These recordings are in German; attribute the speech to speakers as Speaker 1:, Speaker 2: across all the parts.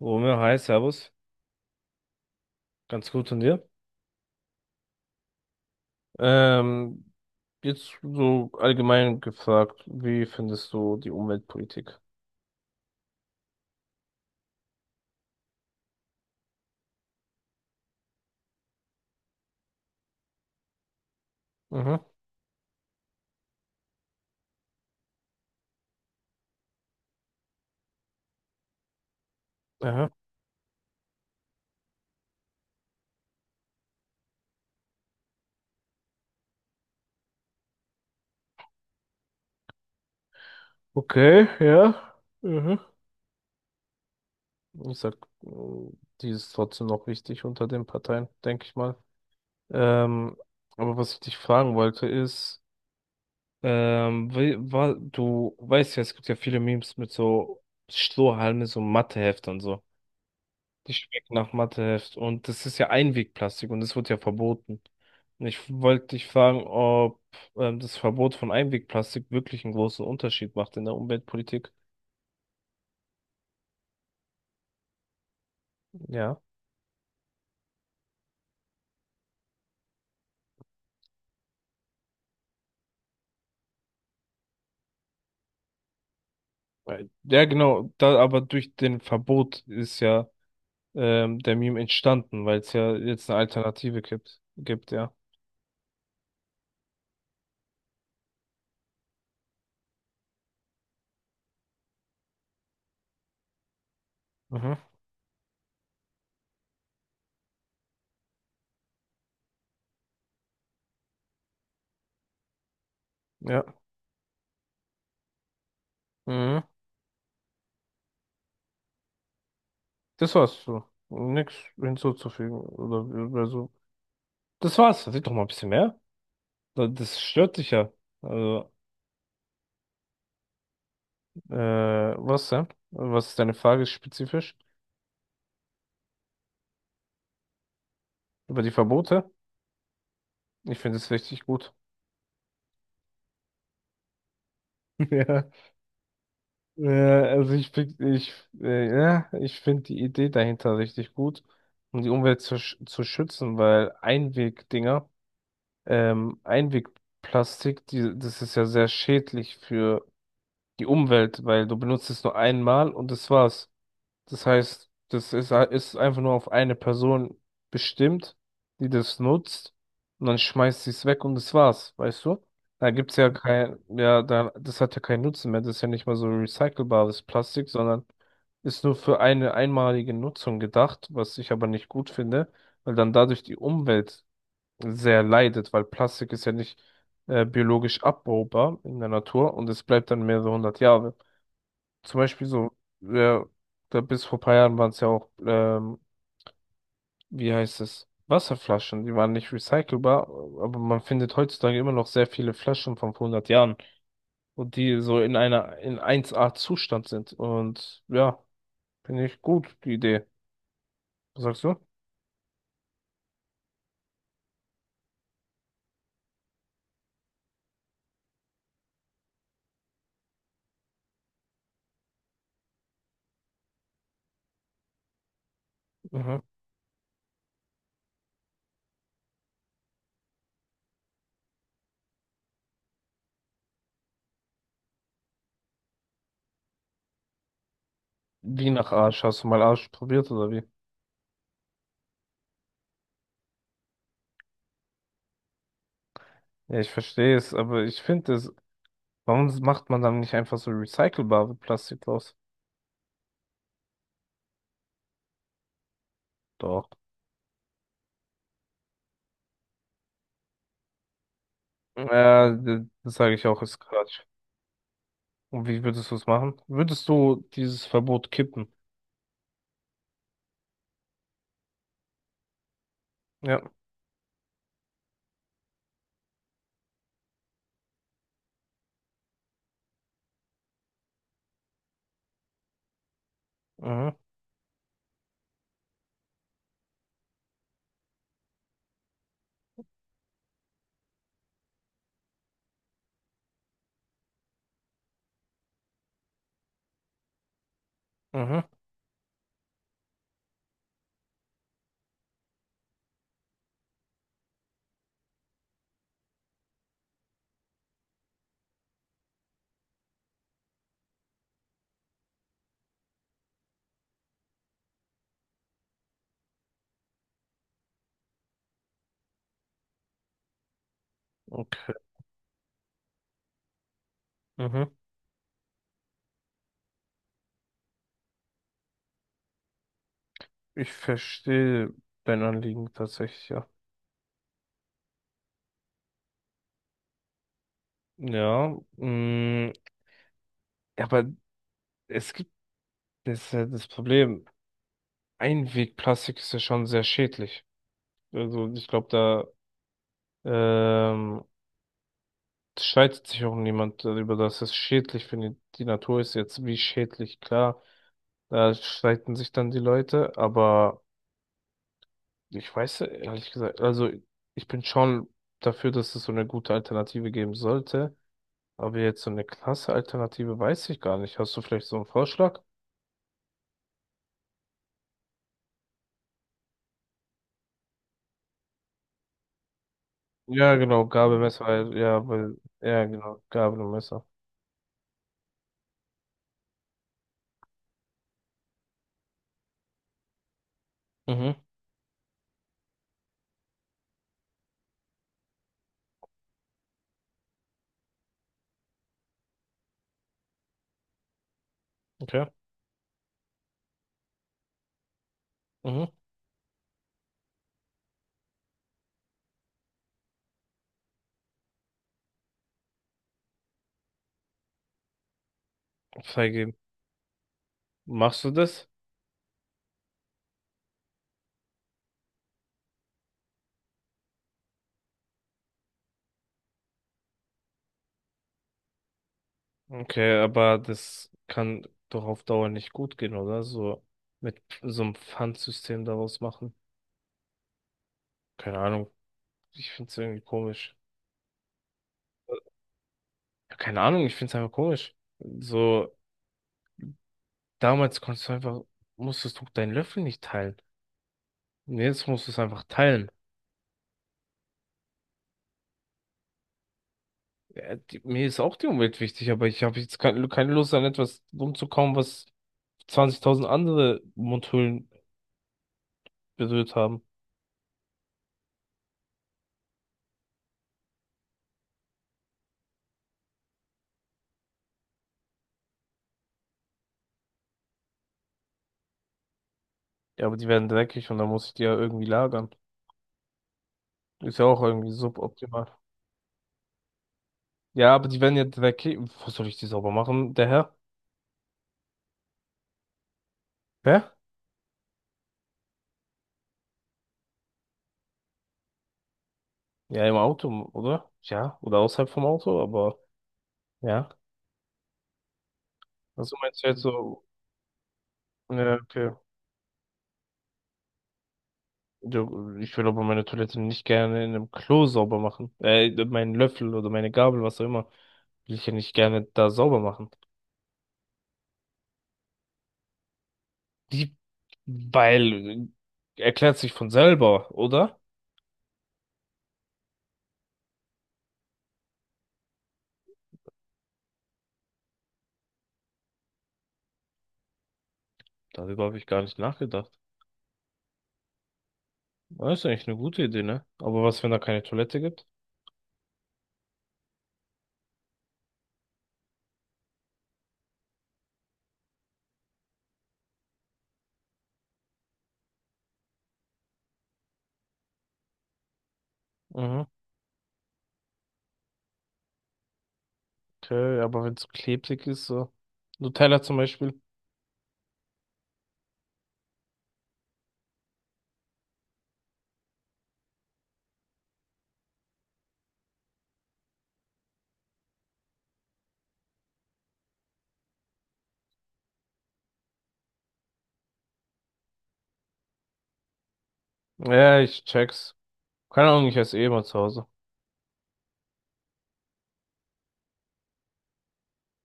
Speaker 1: Romeo, hi, Servus. Ganz gut von dir. Ähm, Jetzt so allgemein gefragt, wie findest du die Umweltpolitik? Mhm, aha. Okay, ja. Mhm. Ich sag, mh, die ist trotzdem noch wichtig unter den Parteien, denke ich mal. Ähm, aber was ich dich fragen wollte ist, du weißt ja, es gibt ja viele Memes mit so Strohhalme, so Mathehefte und so. Die schmecken nach Matheheft. Und das ist ja Einwegplastik und das wird ja verboten. Und ich wollte dich fragen, ob das Verbot von Einwegplastik wirklich einen großen Unterschied macht in der Umweltpolitik. Ja. Ja, genau. Da, aber durch den Verbot ist ja der Meme entstanden, weil es ja jetzt eine Alternative gibt. Gibt, ja. Mhm. Ja. Mhm. Das war's so. Nichts hinzuzufügen. Oder so. Das war's. Red doch mal ein bisschen mehr. Das stört dich ja. Also. Was denn? Was ist deine Frage spezifisch? Über die Verbote? Ich finde es richtig gut. Ja, äh, also ich find, ich, ja, ich finde die Idee dahinter richtig gut, um die Umwelt zu, zu schützen, weil Einwegdinger, Einwegplastik, die, das ist ja sehr schädlich für die Umwelt, weil du benutzt es nur einmal und das war's. Das heißt, ist einfach nur auf eine Person bestimmt, die das nutzt und dann schmeißt sie es weg und das war's, weißt du? Da gibt's ja kein, ja, da, das hat ja keinen Nutzen mehr. Das ist ja nicht mal so recycelbares Plastik, sondern ist nur für eine einmalige Nutzung gedacht, was ich aber nicht gut finde, weil dann dadurch die Umwelt sehr leidet, weil Plastik ist ja nicht biologisch abbaubar in der Natur und es bleibt dann mehrere hundert Jahre. Zum Beispiel so, ja, da bis vor paar Jahren waren es ja auch, wie heißt es, Wasserflaschen, die waren nicht recycelbar, aber man findet heutzutage immer noch sehr viele Flaschen von vor hundert Jahren und die so in 1A Zustand sind. Und ja, finde ich gut, die Idee. Was sagst du? Mhm. Wie nach Arsch? Hast du mal Arsch probiert oder wie? Ja, ich verstehe es, aber ich finde es, warum macht man dann nicht einfach so recycelbare Plastik draus? Doch. Ja, das sage ich auch, ist Quatsch. Und wie würdest du es machen? Würdest du dieses Verbot kippen? Ja. Mhm. Mhm. Okay. Mhm. Ich verstehe dein Anliegen tatsächlich, ja. Mm, ja. Aber es gibt das, ist ja das Problem. Einwegplastik ist ja schon sehr schädlich. Also ich glaube, da ähm, streitet sich auch niemand darüber, dass es schädlich für die Natur ist. Jetzt wie schädlich, klar. Da streiten sich dann die Leute, aber ich weiß ehrlich gesagt, also ich bin schon dafür, dass es so eine gute Alternative geben sollte, aber jetzt so eine klasse Alternative weiß ich gar nicht. Hast du vielleicht so einen Vorschlag? Ja, genau, Gabel, Messer, ja, genau, Gabel und Messer. Mhm, okay. Mhm. Freigeben. Machst du das? Okay, aber das kann doch auf Dauer nicht gut gehen, oder? So mit so einem Pfandsystem daraus machen. Keine Ahnung. Ich find's irgendwie komisch. Äh, Keine Ahnung, ich find's einfach komisch. So. Damals konntest du einfach, musstest du deinen Löffel nicht teilen. Und jetzt musst du es einfach teilen. Ja, mir ist auch die Umwelt wichtig, aber ich habe jetzt keine Lust an etwas rumzukauen, was 20.000 andere Mundhöhlen berührt haben. Ja, aber die werden dreckig und dann muss ich die ja irgendwie lagern. Ist ja auch irgendwie suboptimal. Ja, aber die werden ja dreckig. Wo soll ich die sauber machen, der Herr? Hä? Ja, im Auto, oder? Ja, oder außerhalb vom Auto, aber ja. Also meinst du jetzt so, ja, okay. Ja, ich will aber meine Toilette nicht gerne in einem Klo sauber machen. Meinen Löffel oder meine Gabel, was auch immer, will ich ja nicht gerne da sauber machen. Die, weil, erklärt sich von selber, oder? Darüber habe ich gar nicht nachgedacht. Das ist eigentlich eine gute Idee, ne? Aber was, wenn da keine Toilette gibt? Mhm, okay, aber wenn es klebrig ist, so. Nutella zum Beispiel. Ja, ich check's. Keine Ahnung, ich esse eh immer zu Hause.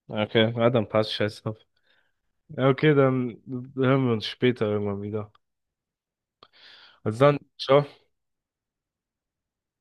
Speaker 1: Okay, na dann passt, scheiß auf. Ja, okay, dann hören wir uns später irgendwann wieder. Also dann, ciao.